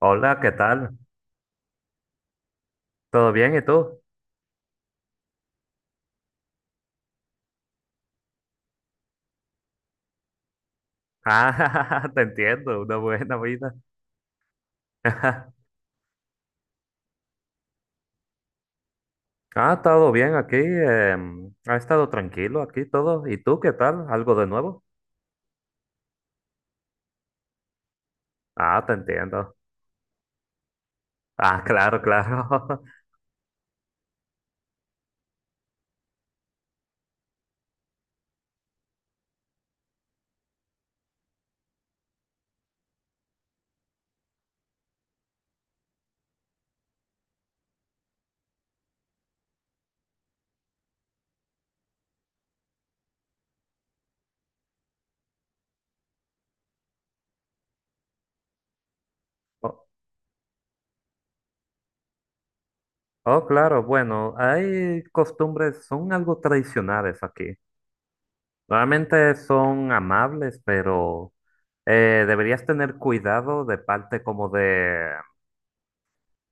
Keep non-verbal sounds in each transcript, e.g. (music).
Hola, ¿qué tal? ¿Todo bien? ¿Y tú? Ah, (laughs) te entiendo, una buena vida. (laughs) Ah, todo bien aquí. Ha estado tranquilo aquí todo. ¿Y tú qué tal? ¿Algo de nuevo? Ah, te entiendo. (laughs) Ah, claro, claro. (laughs) Oh, oh, claro, bueno, hay costumbres, son algo tradicionales aquí. Normalmente son amables, pero deberías tener cuidado de parte como de.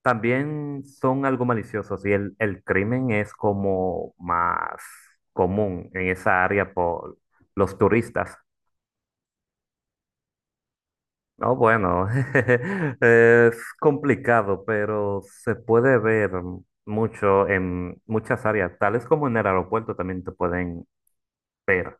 También son algo maliciosos y el crimen es como más común en esa área por los turistas. No, bueno, (laughs) es complicado, pero se puede ver mucho en muchas áreas, tales como en el aeropuerto también te pueden ver,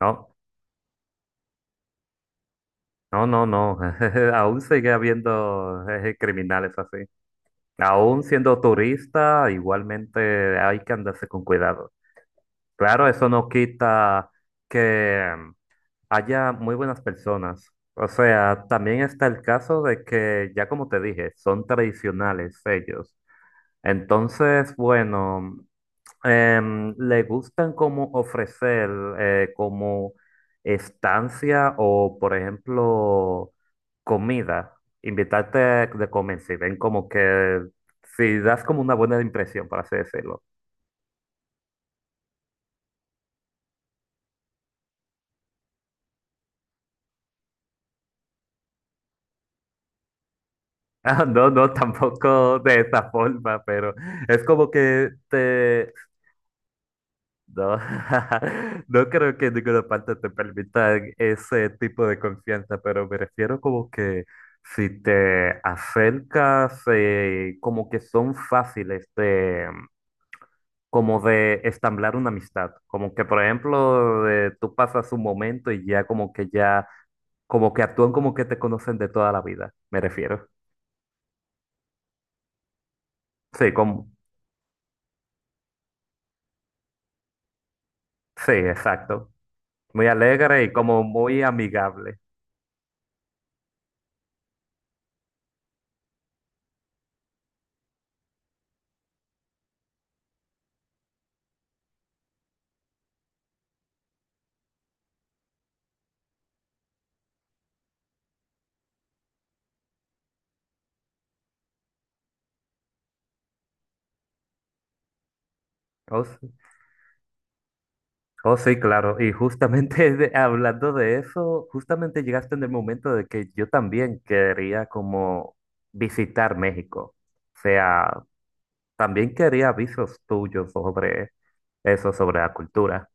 ¿no? No, no, no, (laughs) aún sigue habiendo criminales así. Aún siendo turista, igualmente hay que andarse con cuidado. Claro, eso no quita que haya muy buenas personas. O sea, también está el caso de que, ya como te dije, son tradicionales ellos. Entonces, bueno, le gustan como ofrecer como estancia o, por ejemplo, comida. Invitarte de comer si ven como que, si das como una buena impresión, por así decirlo. Ah, no, no, tampoco de esa forma, pero es como que te... No, (laughs) no creo que en ninguna parte te permita ese tipo de confianza, pero me refiero como que si te acercas, como que son fáciles de, como de estamblar una amistad. Como que, por ejemplo, tú pasas un momento y ya, como que actúan como que te conocen de toda la vida, me refiero. Sí, como... Sí, exacto. Muy alegre y como muy amigable. Oh, sí. Oh, sí, claro. Y justamente (laughs) hablando de eso, justamente llegaste en el momento de que yo también quería como visitar México. O sea, también quería avisos tuyos sobre eso, sobre la cultura.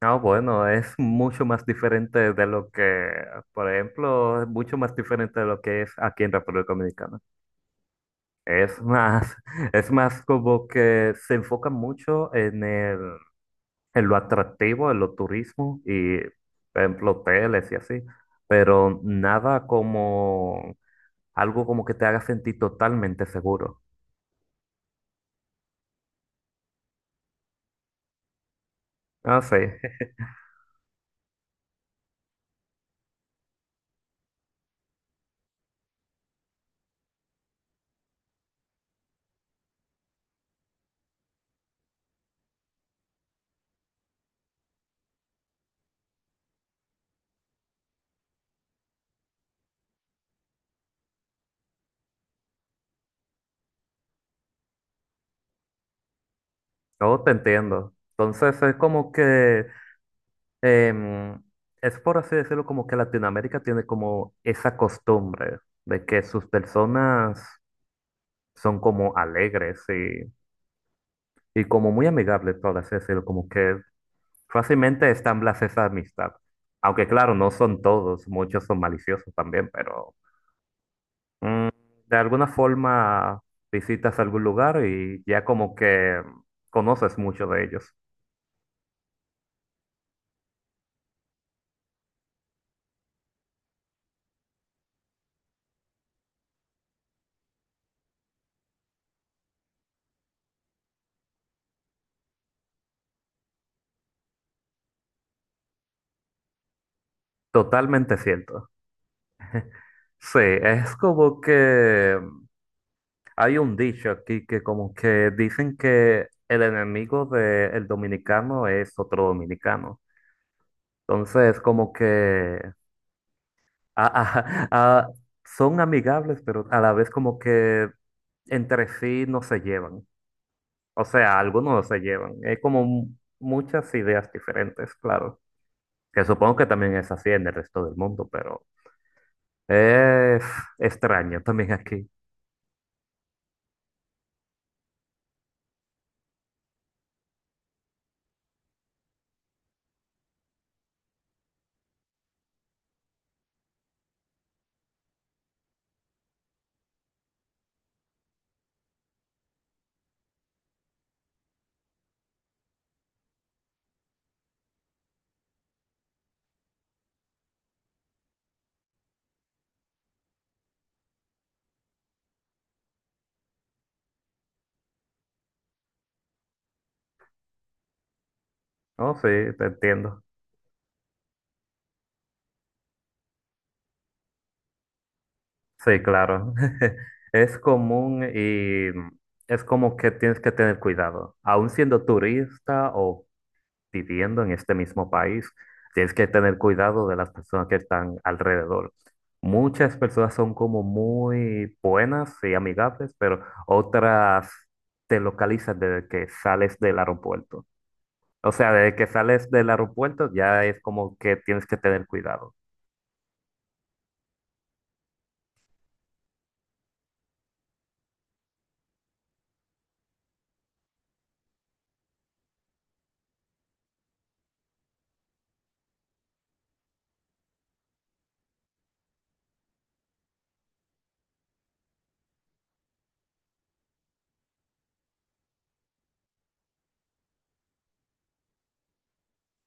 No, bueno, es mucho más diferente de lo que, por ejemplo, es mucho más diferente de lo que es aquí en República Dominicana. Es más, (laughs) es más como que se enfoca mucho en el, en lo atractivo, en lo turismo y, por ejemplo, hoteles y así, pero nada como algo como que te haga sentir totalmente seguro. Ah, sí, (laughs) yo te entiendo. Entonces es como que, em, es por así decirlo, como que Latinoamérica tiene como esa costumbre de que sus personas son como alegres y como muy amigable, por así decirlo, como que fácilmente establece esa amistad. Aunque claro, no son todos, muchos son maliciosos también, pero de alguna forma visitas algún lugar y ya como que conoces mucho de ellos. Totalmente cierto. Sí, es como que hay un dicho aquí que como que dicen que el enemigo del dominicano es otro dominicano. Entonces, como que a- a- a- son amigables, pero a la vez como que entre sí no se llevan. O sea, algunos no se llevan. Hay como muchas ideas diferentes, claro. Que supongo que también es así en el resto del mundo, pero es extraño también aquí. Oh, sí, te entiendo. Sí, claro. (laughs) Es común y es como que tienes que tener cuidado. Aun siendo turista o viviendo en este mismo país, tienes que tener cuidado de las personas que están alrededor. Muchas personas son como muy buenas y amigables, pero otras te localizan desde que sales del aeropuerto. O sea, desde que sales del aeropuerto ya es como que tienes que tener cuidado.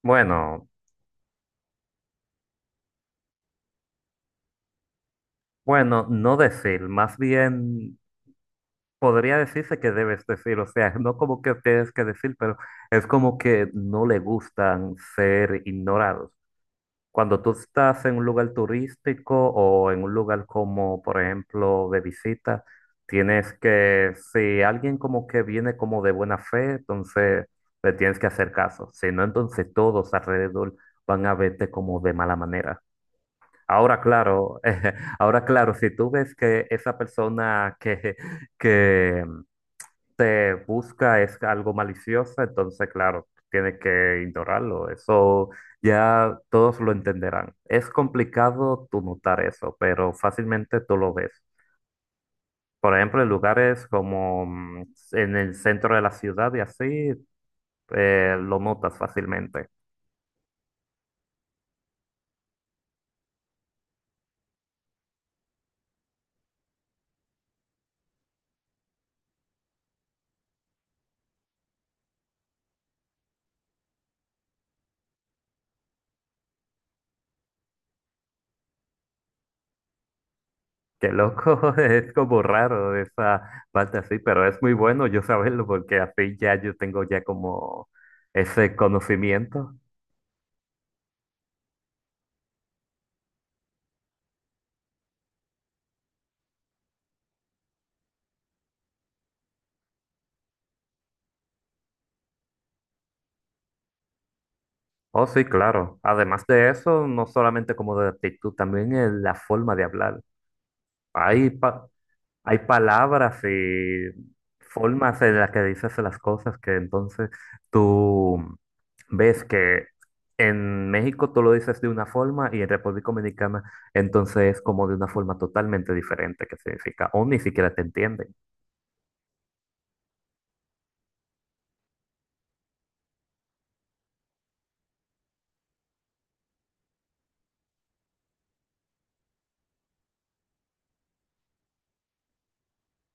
Bueno, bueno, no decir, más bien podría decirse que debes decir, o sea, (laughs) no como que tienes que decir, pero es como que no le gustan ser ignorados. Cuando tú estás en un lugar turístico o en un lugar como, por ejemplo, de visita, tienes que, si alguien como que viene como de buena fe, entonces le tienes que hacer caso. Si no, entonces todos alrededor van a verte como de mala manera. Ahora, claro, (laughs) ahora, claro, si tú ves que esa persona que te busca es algo malicioso, entonces, claro, tienes que ignorarlo. Eso ya todos lo entenderán. Es complicado tú notar eso, pero fácilmente tú lo ves. Por ejemplo, en lugares como en el centro de la ciudad y así, lo notas fácilmente. Qué loco, (laughs) es como raro esa parte así, pero es muy bueno yo saberlo porque así ya yo tengo ya como ese conocimiento. Oh, sí, claro. Además de eso, no solamente como de actitud, también en la forma de hablar. Hay, hay palabras y formas en las que dices las cosas que entonces tú ves que en México tú lo dices de una forma y en República Dominicana entonces es como de una forma totalmente diferente que significa o ni siquiera te entienden.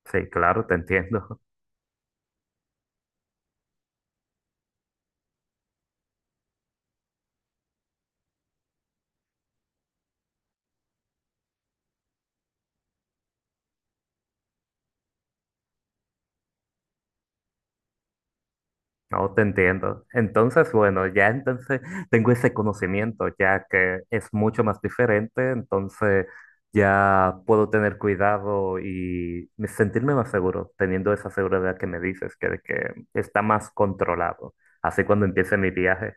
Sí, claro, te entiendo. No te entiendo. Entonces, bueno, ya entonces (laughs) tengo ese conocimiento, ya que es mucho más diferente, entonces ya puedo tener cuidado y sentirme más seguro, teniendo esa seguridad que me dices, que, de que está más controlado. Así cuando empiece mi viaje.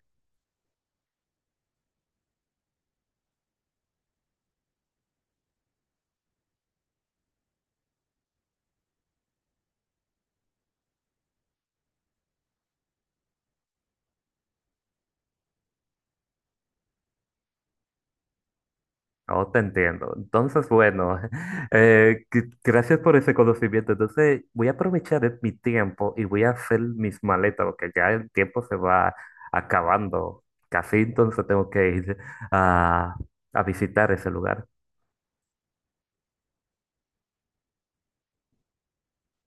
Oh, te entiendo. Entonces, bueno, (laughs) gracias por ese conocimiento. Entonces, voy a aprovechar mi tiempo y voy a hacer mis maletas, porque ya el tiempo se va acabando. Casi entonces tengo que ir a, a visitar ese lugar.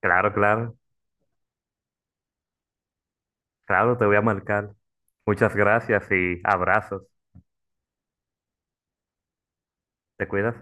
Claro, claro, claro, te voy a marcar. Muchas gracias y abrazos. ¿Te cuidas?